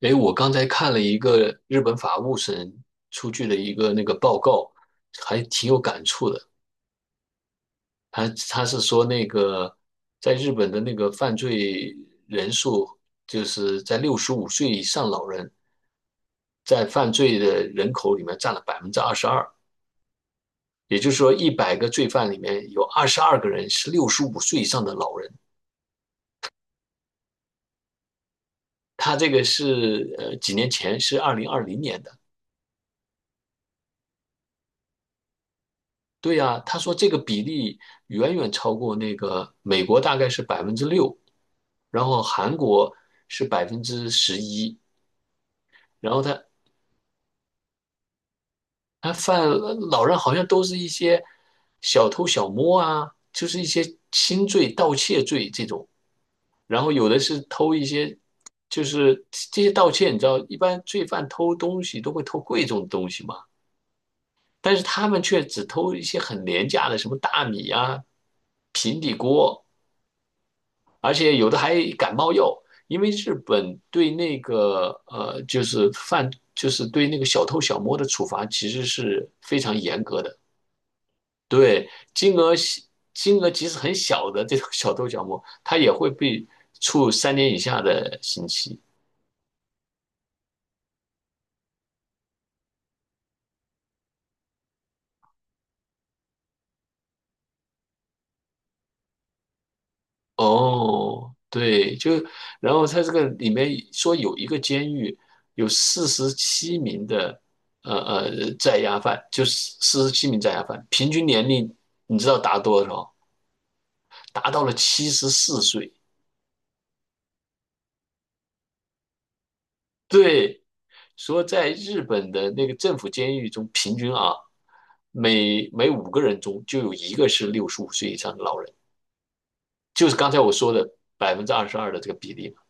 诶，我刚才看了一个日本法务省出具的一个那个报告，还挺有感触的。他是说那个在日本的那个犯罪人数，就是在六十五岁以上老人在犯罪的人口里面占了百分之二十二，也就是说100个罪犯里面有22个人是六十五岁以上的老人。他这个是几年前是2020年的。对呀，他说这个比例远远超过那个美国，大概是6%，然后韩国是11%，然后他老人好像都是一些小偷小摸啊，就是一些轻罪、盗窃罪这种，然后有的是偷一些，就是这些盗窃，你知道，一般罪犯偷东西都会偷贵重的东西嘛，但是他们却只偷一些很廉价的，什么大米啊、平底锅。而且有的还感冒药，因为日本对那个就是犯，就是对那个小偷小摸的处罚其实是非常严格的。对，金额金额即使很小的这种小偷小摸，他也会被处3年以下的刑期。哦，对，然后他这个里面说有一个监狱有四十七名的呃在押犯，就是四十七名在押犯，平均年龄你知道达多少？达到了74岁。对，说在日本的那个政府监狱中，平均啊，每5个人中就有一个是六十五岁以上的老人，就是刚才我说的百分之二十二的这个比例嘛，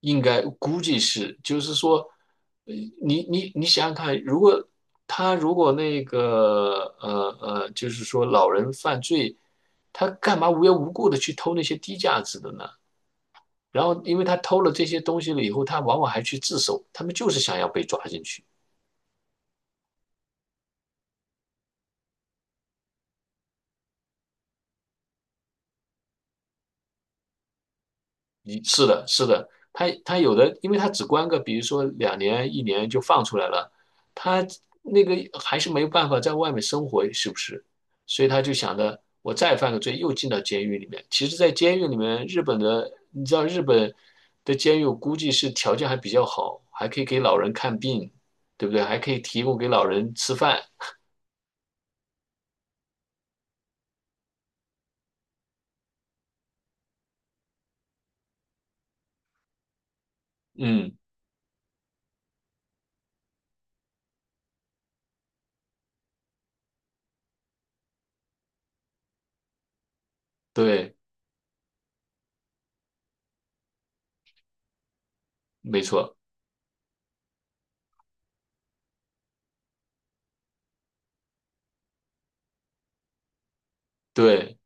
应该估计是，就是说，呃你想想看，如果他如果那个就是说老人犯罪，他干嘛无缘无故的去偷那些低价值的呢？然后，因为他偷了这些东西了以后，他往往还去自首，他们就是想要被抓进去。你是的，是的，他有的，因为他只关个，比如说2年、一年就放出来了，他那个还是没有办法在外面生活，是不是？所以他就想着，我再犯个罪，又进到监狱里面。其实，在监狱里面，日本的，你知道日本的监狱，我估计是条件还比较好，还可以给老人看病，对不对？还可以提供给老人吃饭。嗯，对，没错，对。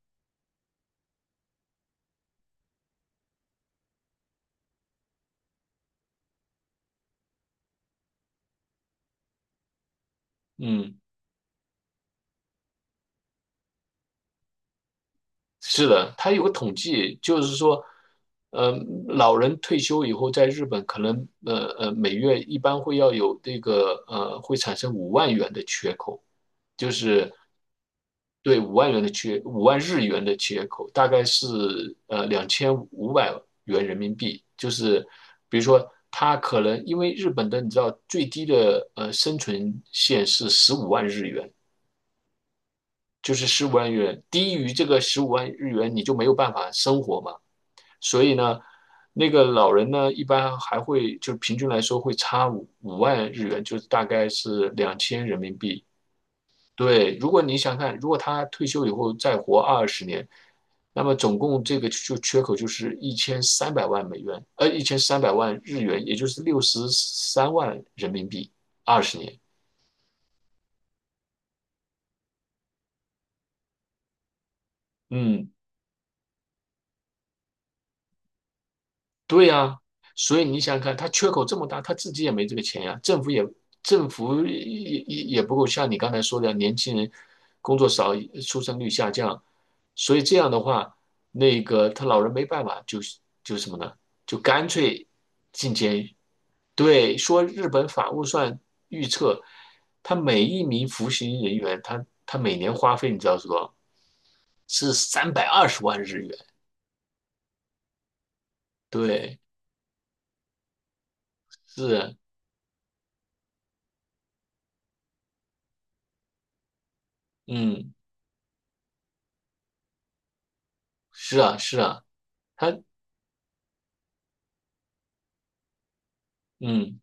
嗯，是的，他有个统计，就是说，呃，老人退休以后，在日本可能，每月一般会要有这个，会产生五万元的缺口，就是对五万元的五万日元的缺口，大概是2,500元人民币，就是比如说他可能因为日本的你知道最低的生存线是十五万日元，就是十五万日元，低于这个十五万日元你就没有办法生活嘛。所以呢，那个老人呢，一般还会就平均来说会差五万日元，就是大概是2000人民币。对，如果你想看，如果他退休以后再活二十年，那么总共这个就缺口就是1,300万美元，1,300万日元，也就是63万人民币，二十年。嗯，对呀，所以你想想看，他缺口这么大，他自己也没这个钱呀，政府也不够，像你刚才说的，年轻人工作少，出生率下降，所以这样的话，那个他老人没办法，就什么呢？就干脆进监狱。对，说日本法务算预测，他每一名服刑人员，他每年花费，你知道是多少？是三百二十万日元。对，是，嗯，是啊，是啊。他嗯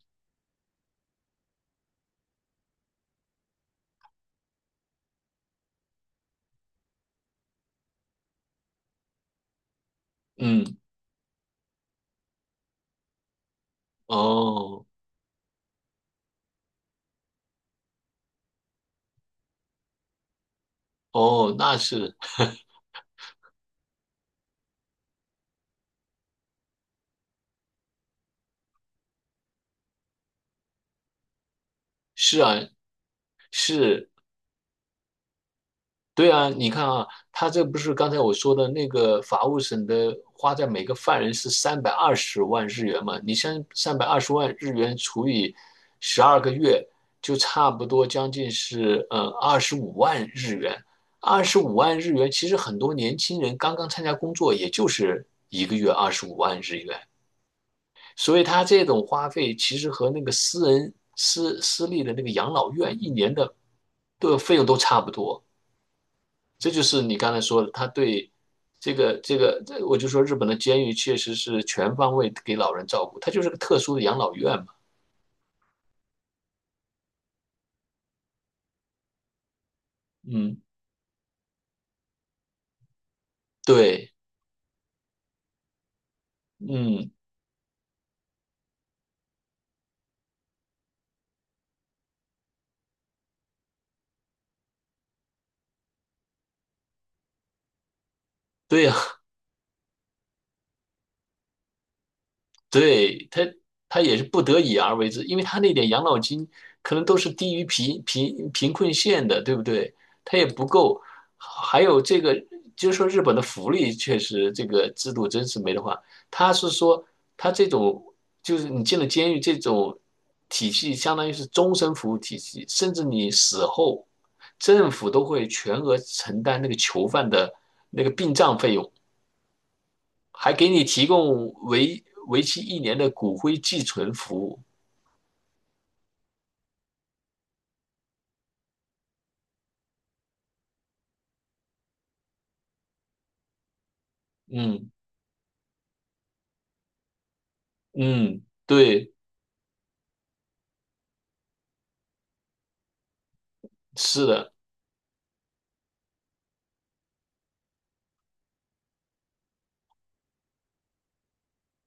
嗯哦哦，那是是啊是，对啊，你看啊，他这不是刚才我说的那个法务省的花在每个犯人是三百二十万日元嘛？你像三百二十万日元除以12个月，就差不多将近是二十五万日元。二十五万日元，其实很多年轻人刚刚参加工作，也就是一个月二十五万日元。所以他这种花费其实和那个私人私私立的那个养老院一年的费用都差不多。这就是你刚才说的，他对这个，我就说日本的监狱确实是全方位给老人照顾，它就是个特殊的养老院嘛。嗯，对，嗯，对呀、对，他也是不得已而为之，因为他那点养老金可能都是低于贫困线的，对不对？他也不够，还有这个，就是说日本的福利确实这个制度真是没得话。他是说他这种就是你进了监狱这种体系，相当于是终身服务体系，甚至你死后，政府都会全额承担那个囚犯的那个殡葬费用。还给你提供为期一年的骨灰寄存服务。嗯嗯，对，是的，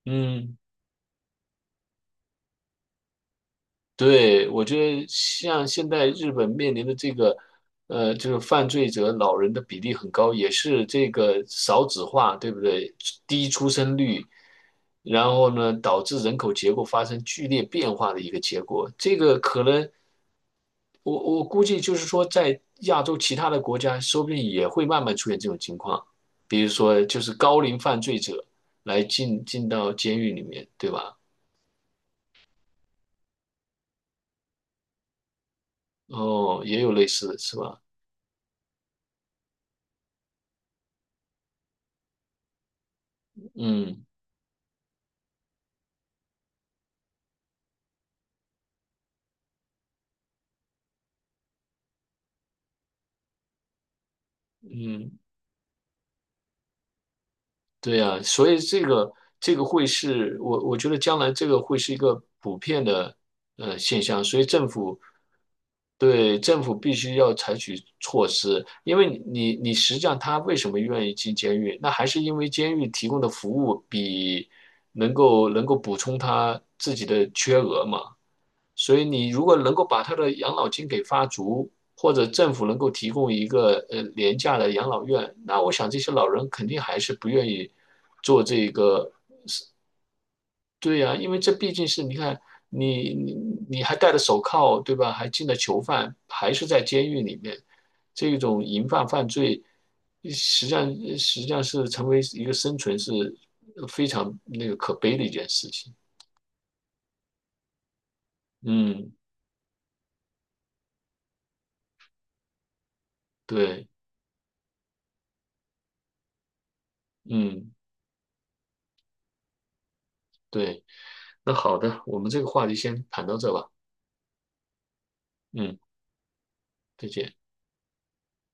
嗯，对，我觉得像现在日本面临的这个，就是犯罪者老人的比例很高，也是这个少子化，对不对？低出生率，然后呢，导致人口结构发生剧烈变化的一个结果。这个可能我估计就是说，在亚洲其他的国家，说不定也会慢慢出现这种情况，比如说就是高龄犯罪者来进到监狱里面，对吧？哦，也有类似的是吧？嗯嗯，对呀，所以这个会是我觉得将来这个会是一个普遍的现象，所以政府必须要采取措施，因为你实际上他为什么愿意进监狱，那还是因为监狱提供的服务能够补充他自己的缺额嘛。所以你如果能够把他的养老金给发足，或者政府能够提供一个廉价的养老院，那我想这些老人肯定还是不愿意做这个。对呀、因为这毕竟是你看你你你还戴着手铐，对吧？还进了囚犯，还是在监狱里面，这种犯罪，呃实际上实际上是成为一个生存是非常那个可悲的一件事情。嗯，对，嗯，对。那好的，我们这个话题先谈到这吧。嗯，再见。